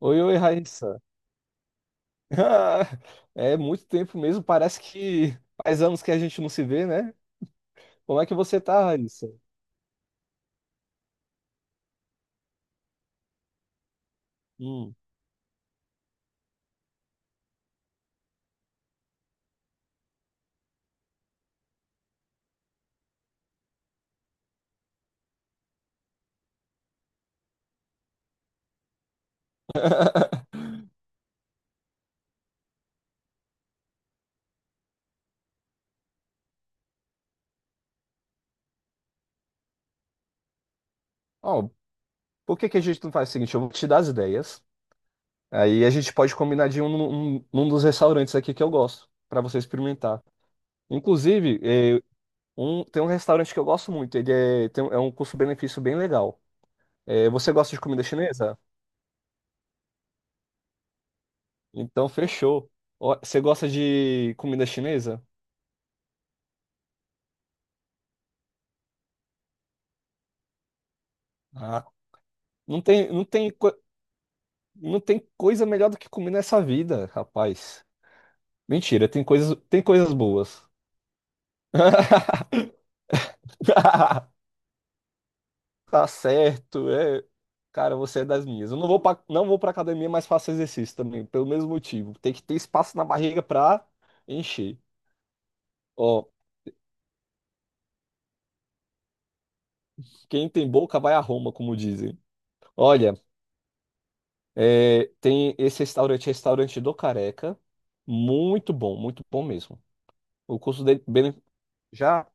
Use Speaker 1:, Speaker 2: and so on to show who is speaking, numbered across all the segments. Speaker 1: Oi, oi, Raíssa. Ah, É muito tempo mesmo, parece que faz anos que a gente não se vê, né? Como é que você tá, Raíssa? Hum. Ó, por que que a gente não faz o seguinte? Eu vou te dar as ideias, aí a gente pode combinar de um num dos restaurantes aqui que eu gosto, pra você experimentar. Inclusive, tem um restaurante que eu gosto muito, ele é, tem, um- é um custo-benefício bem legal. É, você gosta de comida chinesa? Então, fechou. Ó, você gosta de comida chinesa? Ah, não tem. Não tem coisa melhor do que comer nessa vida, rapaz. Mentira, tem coisas boas. Tá certo, é. Cara, você é das minhas. Eu não vou pra academia, mas faço exercício também, pelo mesmo motivo. Tem que ter espaço na barriga pra encher. Ó, quem tem boca vai a Roma, como dizem. Olha, é, tem esse restaurante do Careca. Muito bom mesmo. O custo dele bene- já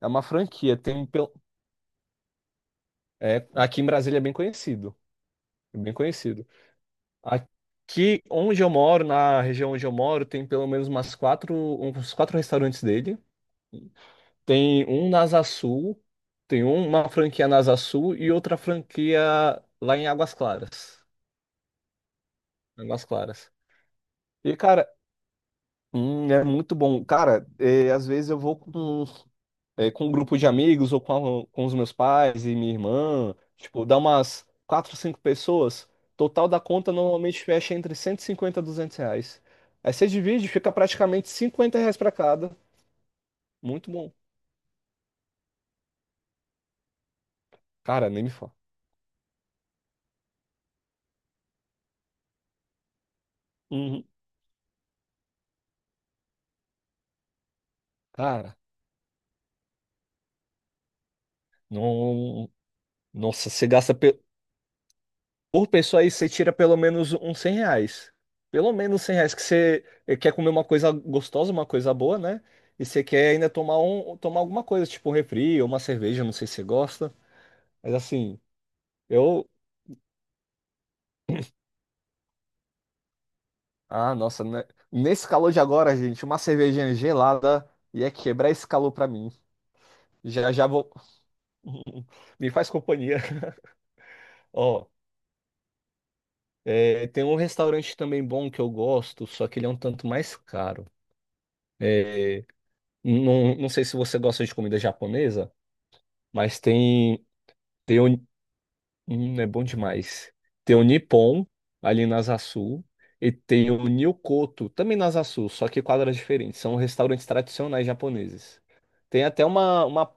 Speaker 1: É uma franquia. É, aqui em Brasília é bem conhecido, é bem conhecido. Aqui onde eu moro, na região onde eu moro, tem pelo menos uns quatro restaurantes dele. Tem um na Asa Sul, uma franquia na Asa Sul e outra franquia lá em Águas Claras. Águas Claras. E, cara, é muito bom. Cara, às vezes eu vou com com um grupo de amigos ou com os meus pais e minha irmã. Tipo, dá umas quatro, cinco pessoas. Total da conta normalmente fecha entre 150 e 200 reais. Aí você divide, fica praticamente 50 reais pra cada. Muito bom. Cara, nem me fala. Uhum. Cara, não. Nossa, por pessoa aí, você tira pelo menos uns 100 reais. Pelo menos 100 reais que você quer comer uma coisa gostosa, uma coisa boa, né? E você quer ainda tomar alguma coisa, tipo um refri ou uma cerveja, não sei se você gosta. Mas assim, eu. Ah, nossa, né? Nesse calor de agora, gente, uma cervejinha gelada ia quebrar esse calor pra mim. Já já vou. Me faz companhia. Ó, é, tem um restaurante também bom que eu gosto, só que ele é um tanto mais caro. É, não sei se você gosta de comida japonesa, mas tem. Tem, o É bom demais. Tem o Nippon ali na Asa Sul e tem o Nyokoto também na Asa Sul, só que quadras diferentes. São restaurantes tradicionais japoneses. Tem até uma...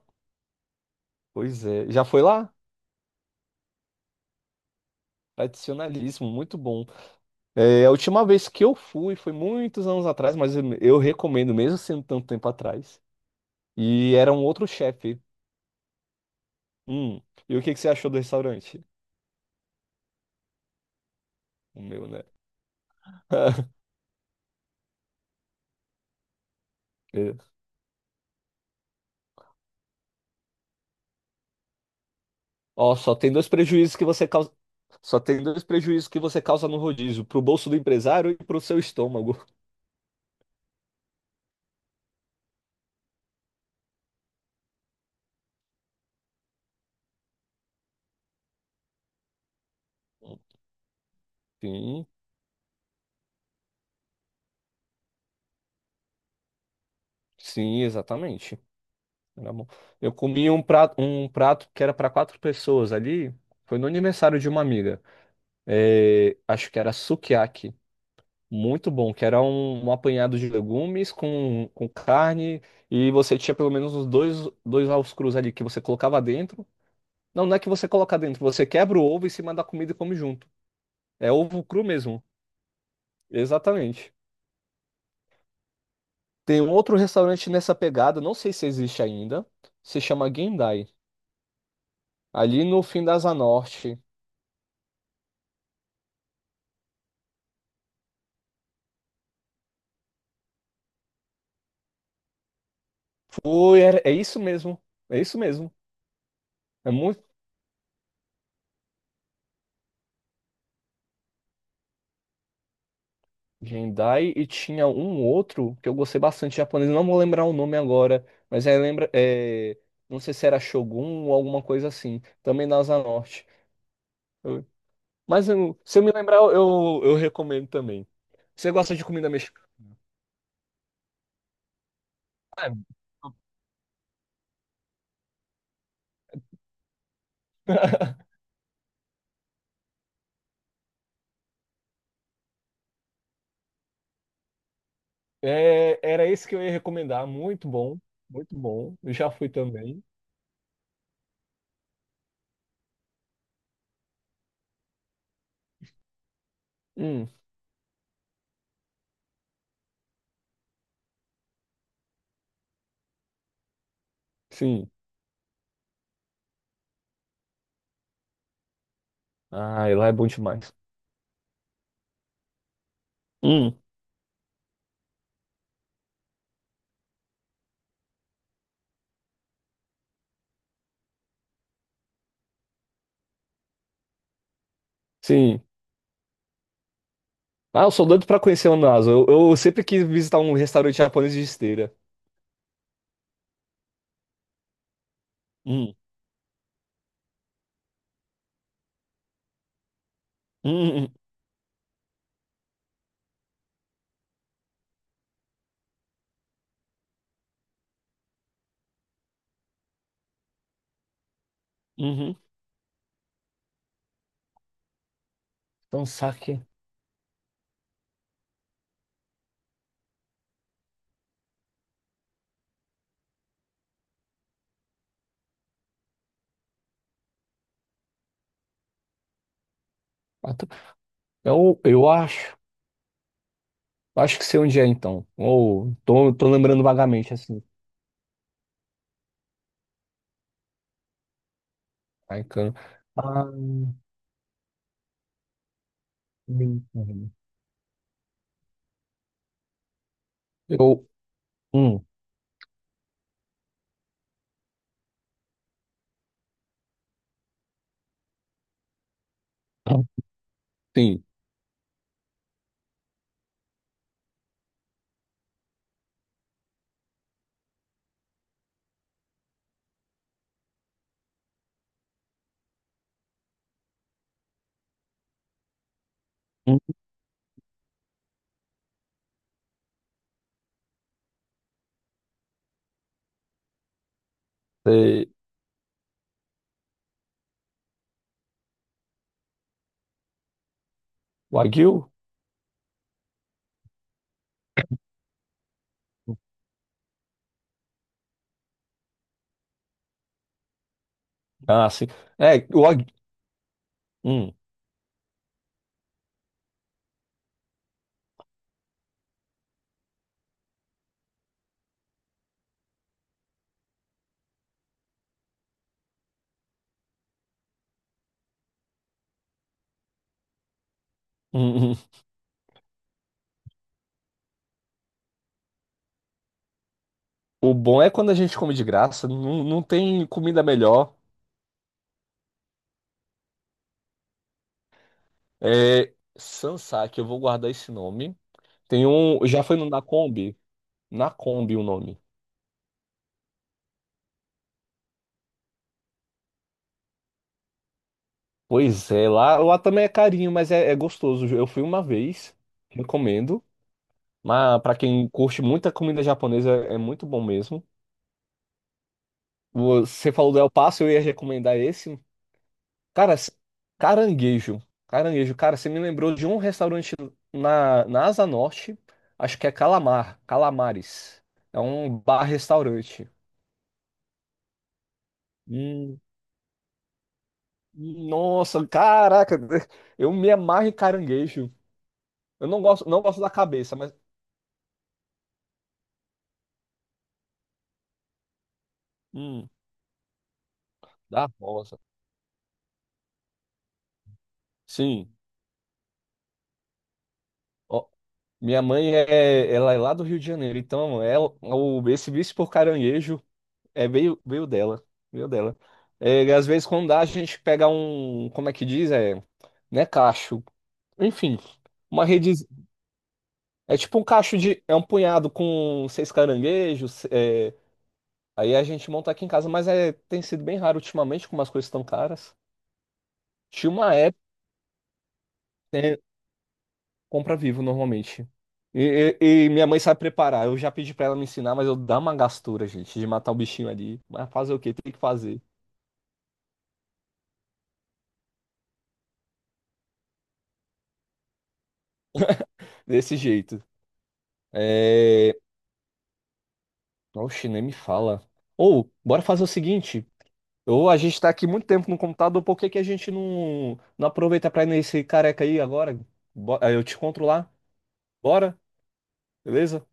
Speaker 1: Pois é, já foi lá? Tradicionalismo, muito bom. É, a última vez que eu fui foi muitos anos atrás, mas eu recomendo, mesmo sendo tanto tempo atrás. E era um outro chefe. Hum, e o que que você achou do restaurante? O meu, né? É. Ó, só tem dois prejuízos que você causa. Só tem dois prejuízos que você causa no rodízio, pro bolso do empresário e pro seu estômago. Sim, sim, exatamente. Era bom. Eu comi um prato que era para quatro pessoas ali. Foi no aniversário de uma amiga. É, acho que era sukiyaki. Muito bom, que era um apanhado de legumes com carne. E você tinha pelo menos dois ovos crus ali que você colocava dentro. Não, não é que você coloca dentro, você quebra o ovo em cima da comida e come junto. É ovo cru mesmo, exatamente. Tem um outro restaurante nessa pegada, não sei se existe ainda, se chama Gendai, ali no fim da Asa Norte. É isso mesmo, é isso mesmo. É muito Gendai e tinha um outro que eu gostei bastante japonês, não vou lembrar o nome agora, mas é, lembra, é, não sei se era Shogun ou alguma coisa assim, também na Asa Norte. Eu- se eu me lembrar, eu recomendo também. Você gosta de comida mexicana? É, era esse que eu ia recomendar. Muito bom, muito bom. Eu já fui também. Hum, sim. Ah, e lá é bom demais. Hum, sim. Ah, eu sou doido pra conhecer o Nasa. Eu sempre quis visitar um restaurante japonês de esteira. Hum, hum, hum, uhum. Então, saque. Ah, tá. Eu acho. Acho que sei onde é, então. Ou tô lembrando vagamente, assim. Ai, can- Ah, hum, hum. Eu. Hum, sim. Hum. Sei. Wagyu? Ah, sim. É, o Wagyu. Hum, hum, hum. O bom é quando a gente come de graça, não tem comida melhor. É Sansaki, eu vou guardar esse nome. Tem um, já foi no Nakombi? Nakombi o nome. Pois é, lá também é carinho, mas é, é gostoso. Eu fui uma vez, recomendo. Mas pra quem curte muita comida japonesa, é muito bom mesmo. Você falou do El Paso, eu ia recomendar esse. Cara, s- caranguejo. Caranguejo. Cara, você me lembrou de um restaurante na Asa Norte. Acho que é Calamar. Calamares. É um bar-restaurante. Hum, nossa, caraca. Eu me amarro em caranguejo. Eu não gosto, não gosto da cabeça, mas. Hum, da rosa. Sim. Ó, minha mãe é, ela é lá do Rio de Janeiro. Então, ela, o, esse vício por caranguejo. É, veio dela. Veio dela. É, e às vezes, quando dá, a gente pega um. Como é que diz? É, né, cacho. Enfim, uma rede. É tipo um cacho de. É um punhado com seis caranguejos. É, aí a gente monta aqui em casa, mas é, tem sido bem raro ultimamente, como as coisas estão caras. Tinha uma época, né, compra vivo normalmente. E minha mãe sabe preparar. Eu já pedi pra ela me ensinar, mas eu dá uma gastura, gente, de matar o bichinho ali. Mas fazer o quê? Tem que fazer. Desse jeito. É. Oxe, nem me fala. Ou, bora fazer o seguinte. Ou a gente tá aqui muito tempo no computador, por que que a gente não aproveita pra ir nesse careca aí agora? Aí eu te encontro lá. Bora? Beleza?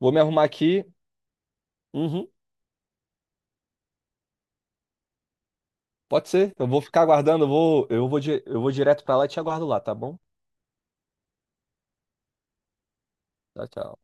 Speaker 1: Vou me arrumar aqui. Uhum, pode ser. Eu vou ficar aguardando, eu vou direto pra lá e te aguardo lá, tá bom? Tchau, tchau.